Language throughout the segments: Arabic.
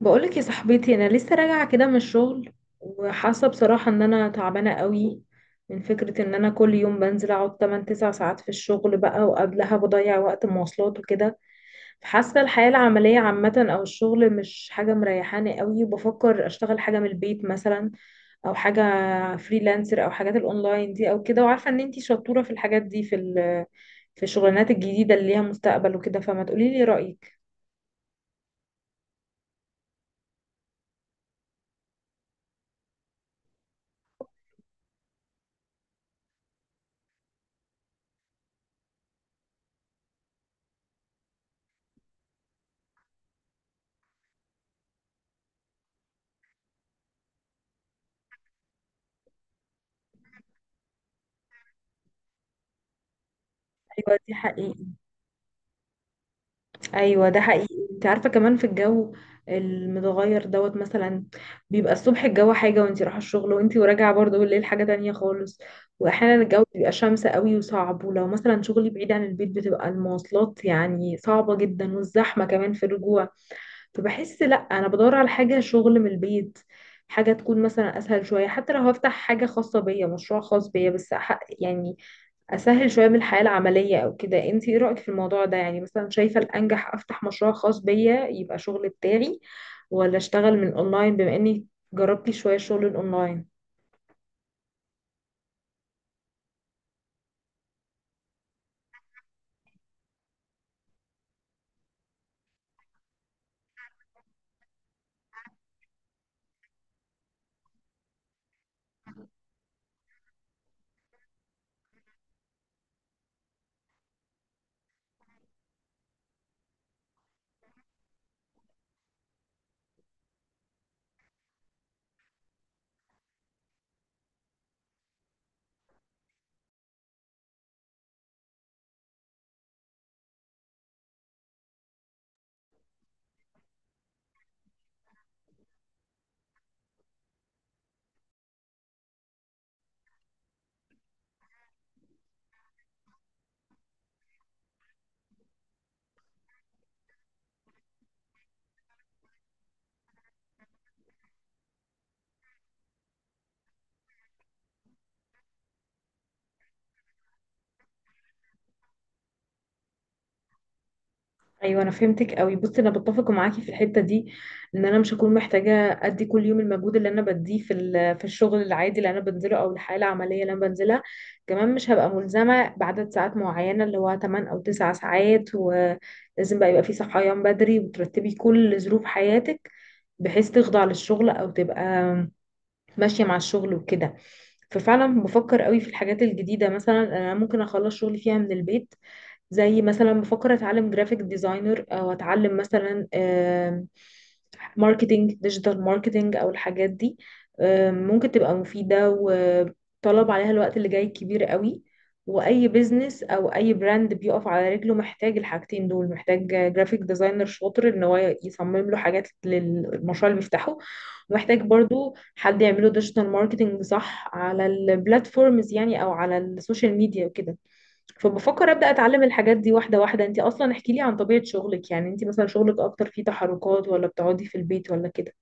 بقولك يا صاحبتي، انا لسه راجعه كده من الشغل، وحاسه بصراحه ان انا تعبانه قوي من فكره ان انا كل يوم بنزل اقعد 8 9 ساعات في الشغل بقى، وقبلها بضيع وقت مواصلات وكده. فحاسه الحياه العمليه عامه او الشغل مش حاجه مريحاني قوي، وبفكر اشتغل حاجه من البيت مثلا، او حاجه فريلانسر او حاجات الاونلاين دي او كده، وعارفه ان انتي شطوره في الحاجات دي، في الشغلانات الجديده اللي ليها مستقبل وكده، فما تقوليلي رايك؟ ايوه دي حقيقي. ايوه ده حقيقي، انت عارفه كمان في الجو المتغير دوت مثلا، بيبقى الصبح الجو حاجه وانت رايحه الشغل، وانت وراجعه برضه بالليل حاجه تانية خالص. واحيانا الجو بيبقى شمس قوي وصعب، ولو مثلا شغلي بعيد عن البيت بتبقى المواصلات يعني صعبه جدا، والزحمه كمان في الرجوع. فبحس لا، انا بدور على حاجه شغل من البيت، حاجه تكون مثلا اسهل شويه، حتى لو هفتح حاجه خاصه بيا، مشروع خاص بيا، بس يعني اسهل شويه من الحياه العمليه او كده. انت ايه رايك في الموضوع ده؟ يعني مثلا شايفه الانجح افتح مشروع خاص بيا يبقى شغل بتاعي، ولا اشتغل من اونلاين بما اني جربتي شويه شغل الاونلاين؟ ايوه، انا فهمتك قوي. بصي، انا بتفق معاكي في الحته دي، ان انا مش هكون محتاجه ادي كل يوم المجهود اللي انا بديه في الشغل العادي اللي انا بنزله، او الحياه العمليه اللي انا بنزلها. كمان مش هبقى ملزمه بعدد ساعات معينه، اللي هو 8 او 9 ساعات، ولازم بقى يبقى في صحيان بدري، وترتبي كل ظروف حياتك بحيث تخضع للشغل، او تبقى ماشية مع الشغل وكده. ففعلا بفكر قوي في الحاجات الجديدة، مثلا انا ممكن اخلص شغلي فيها من البيت، زي مثلا بفكر اتعلم جرافيك ديزاينر، او اتعلم مثلا ماركتينج، ديجيتال ماركتينج او الحاجات دي. ممكن تبقى مفيدة، وطلب عليها الوقت اللي جاي كبير قوي. واي بيزنس او اي براند بيقف على رجله محتاج الحاجتين دول، محتاج جرافيك ديزاينر شاطر ان هو يصمم له حاجات للمشروع اللي بيفتحه، محتاج برضو حد يعمله ديجيتال ماركتنج صح على البلاتفورمز يعني، او على السوشيال ميديا وكده. فبفكر ابدا اتعلم الحاجات دي واحده واحده. انت اصلا احكي لي عن طبيعه شغلك، يعني انت مثلا شغلك اكتر فيه تحركات، ولا بتقعدي في البيت ولا كده؟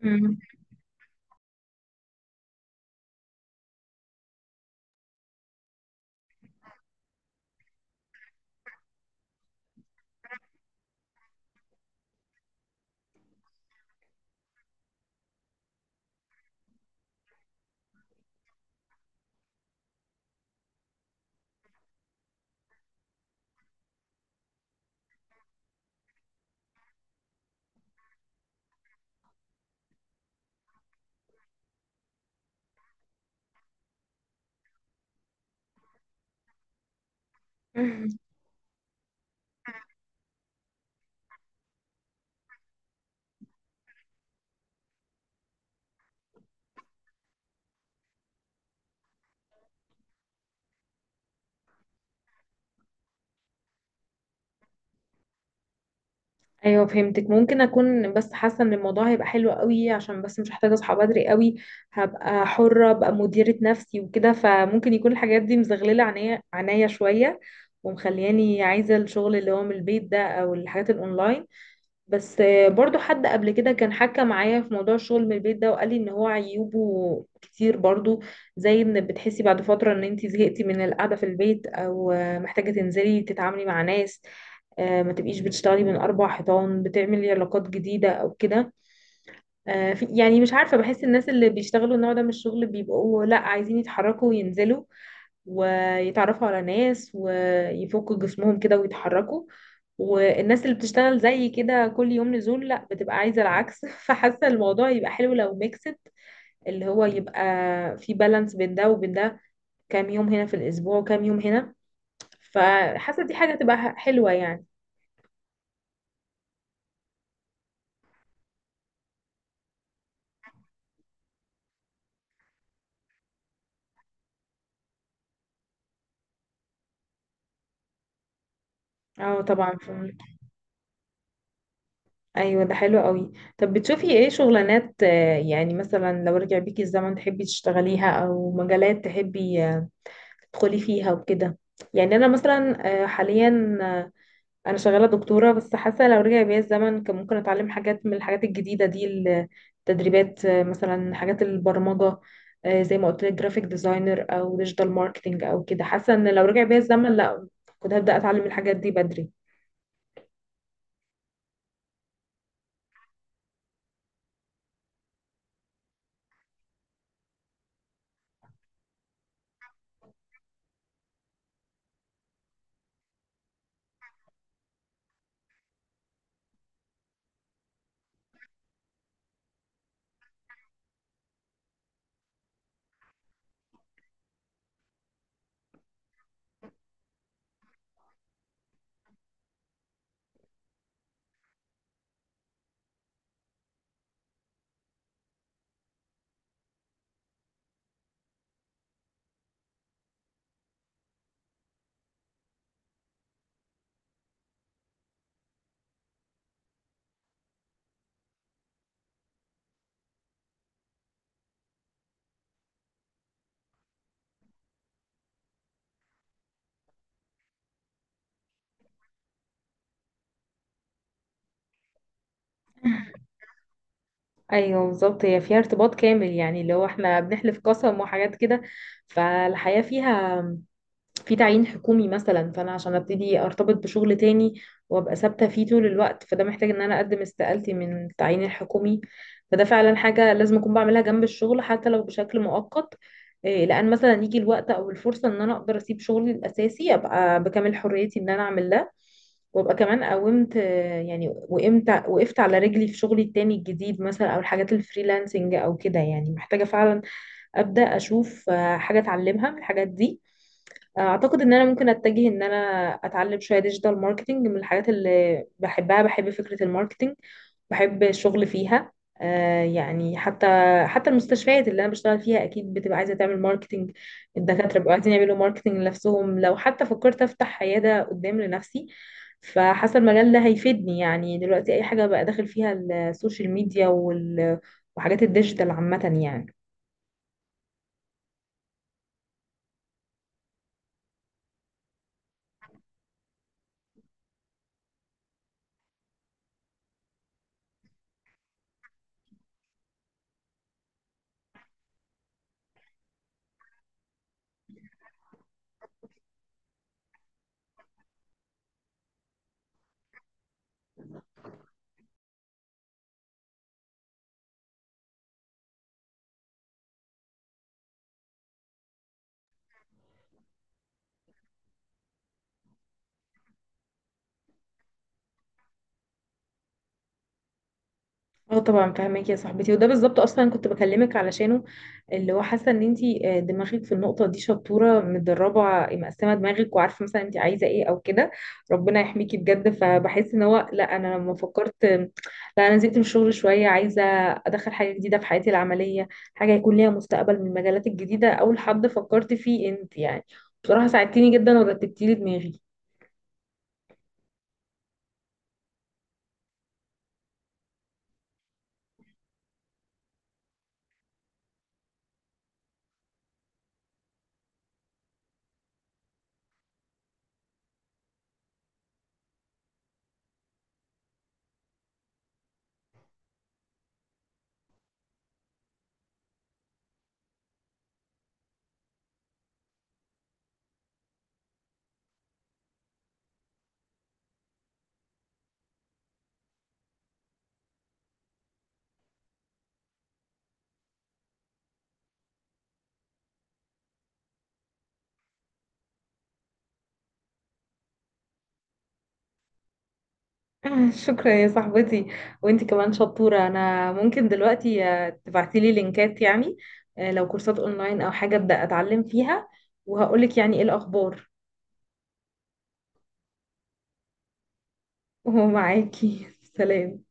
مم. ايوه فهمتك. ممكن اكون بس حاسه ان الموضوع هيبقى حلو قوي، عشان بس مش محتاجه اصحى بدري قوي، هبقى حره، ابقى مديره نفسي وكده، فممكن يكون الحاجات دي مزغلله عينيا عينيا شويه، ومخلياني عايزه الشغل اللي هو من البيت ده، او الحاجات الاونلاين. بس برضو حد قبل كده كان حكى معايا في موضوع الشغل من البيت ده، وقال لي ان هو عيوبه كتير برضو، زي ان بتحسي بعد فترة ان انت زهقتي من القعدة في البيت، او محتاجة تنزلي تتعاملي مع ناس، ما تبقيش بتشتغلي من اربع حيطان، بتعملي علاقات جديدة او كده. يعني مش عارفة، بحس الناس اللي بيشتغلوا النوع ده من الشغل بيبقوا لا عايزين يتحركوا وينزلوا ويتعرفوا على ناس ويفكوا جسمهم كده ويتحركوا، والناس اللي بتشتغل زي كده كل يوم نزول لا بتبقى عايزة العكس. فحاسة الموضوع يبقى حلو لو ميكست، اللي هو يبقى في بالانس بين ده وبين ده، كام يوم هنا في الأسبوع وكام يوم هنا، فحاسة دي حاجة تبقى حلوة يعني. اه، طبعا فهمت. ايوه ده حلو قوي. طب بتشوفي ايه شغلانات، يعني مثلا لو رجع بيكي الزمن تحبي تشتغليها، او مجالات تحبي تدخلي فيها وكده؟ يعني انا مثلا حاليا انا شغاله دكتوره، بس حاسه لو رجع بيا الزمن كان ممكن اتعلم حاجات من الحاجات الجديده دي، التدريبات، مثلا حاجات البرمجه، زي ما قلت لك جرافيك ديزاينر او ديجيتال ماركتنج او كده، حاسه ان لو رجع بيا الزمن لا كنت هبدا اتعلم الحاجات دي بدري. ايوه بالظبط، هي فيها ارتباط كامل يعني، اللي هو احنا بنحلف قسم وحاجات كده، فالحياة فيها في تعيين حكومي مثلا. فانا عشان ابتدي ارتبط بشغل تاني وابقى ثابته فيه طول الوقت، فده محتاج ان انا اقدم استقالتي من التعيين الحكومي. فده فعلا حاجه لازم اكون بعملها جنب الشغل، حتى لو بشكل مؤقت. إيه، لان مثلا يجي الوقت او الفرصه ان انا اقدر اسيب شغلي الاساسي، ابقى بكامل حريتي ان انا اعمل ده، وابقى كمان قومت يعني وقمت وقفت على رجلي في شغلي التاني الجديد مثلا، او الحاجات الفريلانسنج او كده. يعني محتاجه فعلا ابدا اشوف حاجه اتعلمها من الحاجات دي. اعتقد ان انا ممكن اتجه ان انا اتعلم شويه ديجيتال ماركتنج، من الحاجات اللي بحبها، بحب فكره الماركتنج، بحب الشغل فيها. يعني حتى المستشفيات اللي انا بشتغل فيها اكيد بتبقى عايزه تعمل ماركتنج. الدكاتره بيبقوا عايزين يعملوا ماركتنج لنفسهم، لو حتى فكرت افتح عياده قدام لنفسي، فحاسه المجال ده هيفيدني يعني. دلوقتي اي حاجه بقى داخل فيها السوشيال ميديا وحاجات الديجيتال عامه يعني. اه طبعا فاهمك يا صاحبتي، وده بالظبط اصلا كنت بكلمك علشانه، اللي هو حاسه ان انتي دماغك في النقطه دي شطوره متدربه مقسمه دماغك وعارفه مثلا انتي عايزه ايه او كده. ربنا يحميكي بجد. فبحس ان هو لا، انا لما فكرت لا، انا نزلت من الشغل شويه، عايزه ادخل حاجه جديده في حياتي العمليه، حاجه يكون ليها مستقبل من المجالات الجديده، اول حد فكرت فيه انت يعني. بصراحه ساعدتيني جدا، ورتبتيلي دماغي. شكرا يا صاحبتي. وانتي كمان شطورة، انا ممكن دلوقتي تبعتيلي لينكات يعني، لو كورسات اونلاين او حاجة ابدأ اتعلم فيها، وهقولك يعني ايه الاخبار. ومعاكي سلام.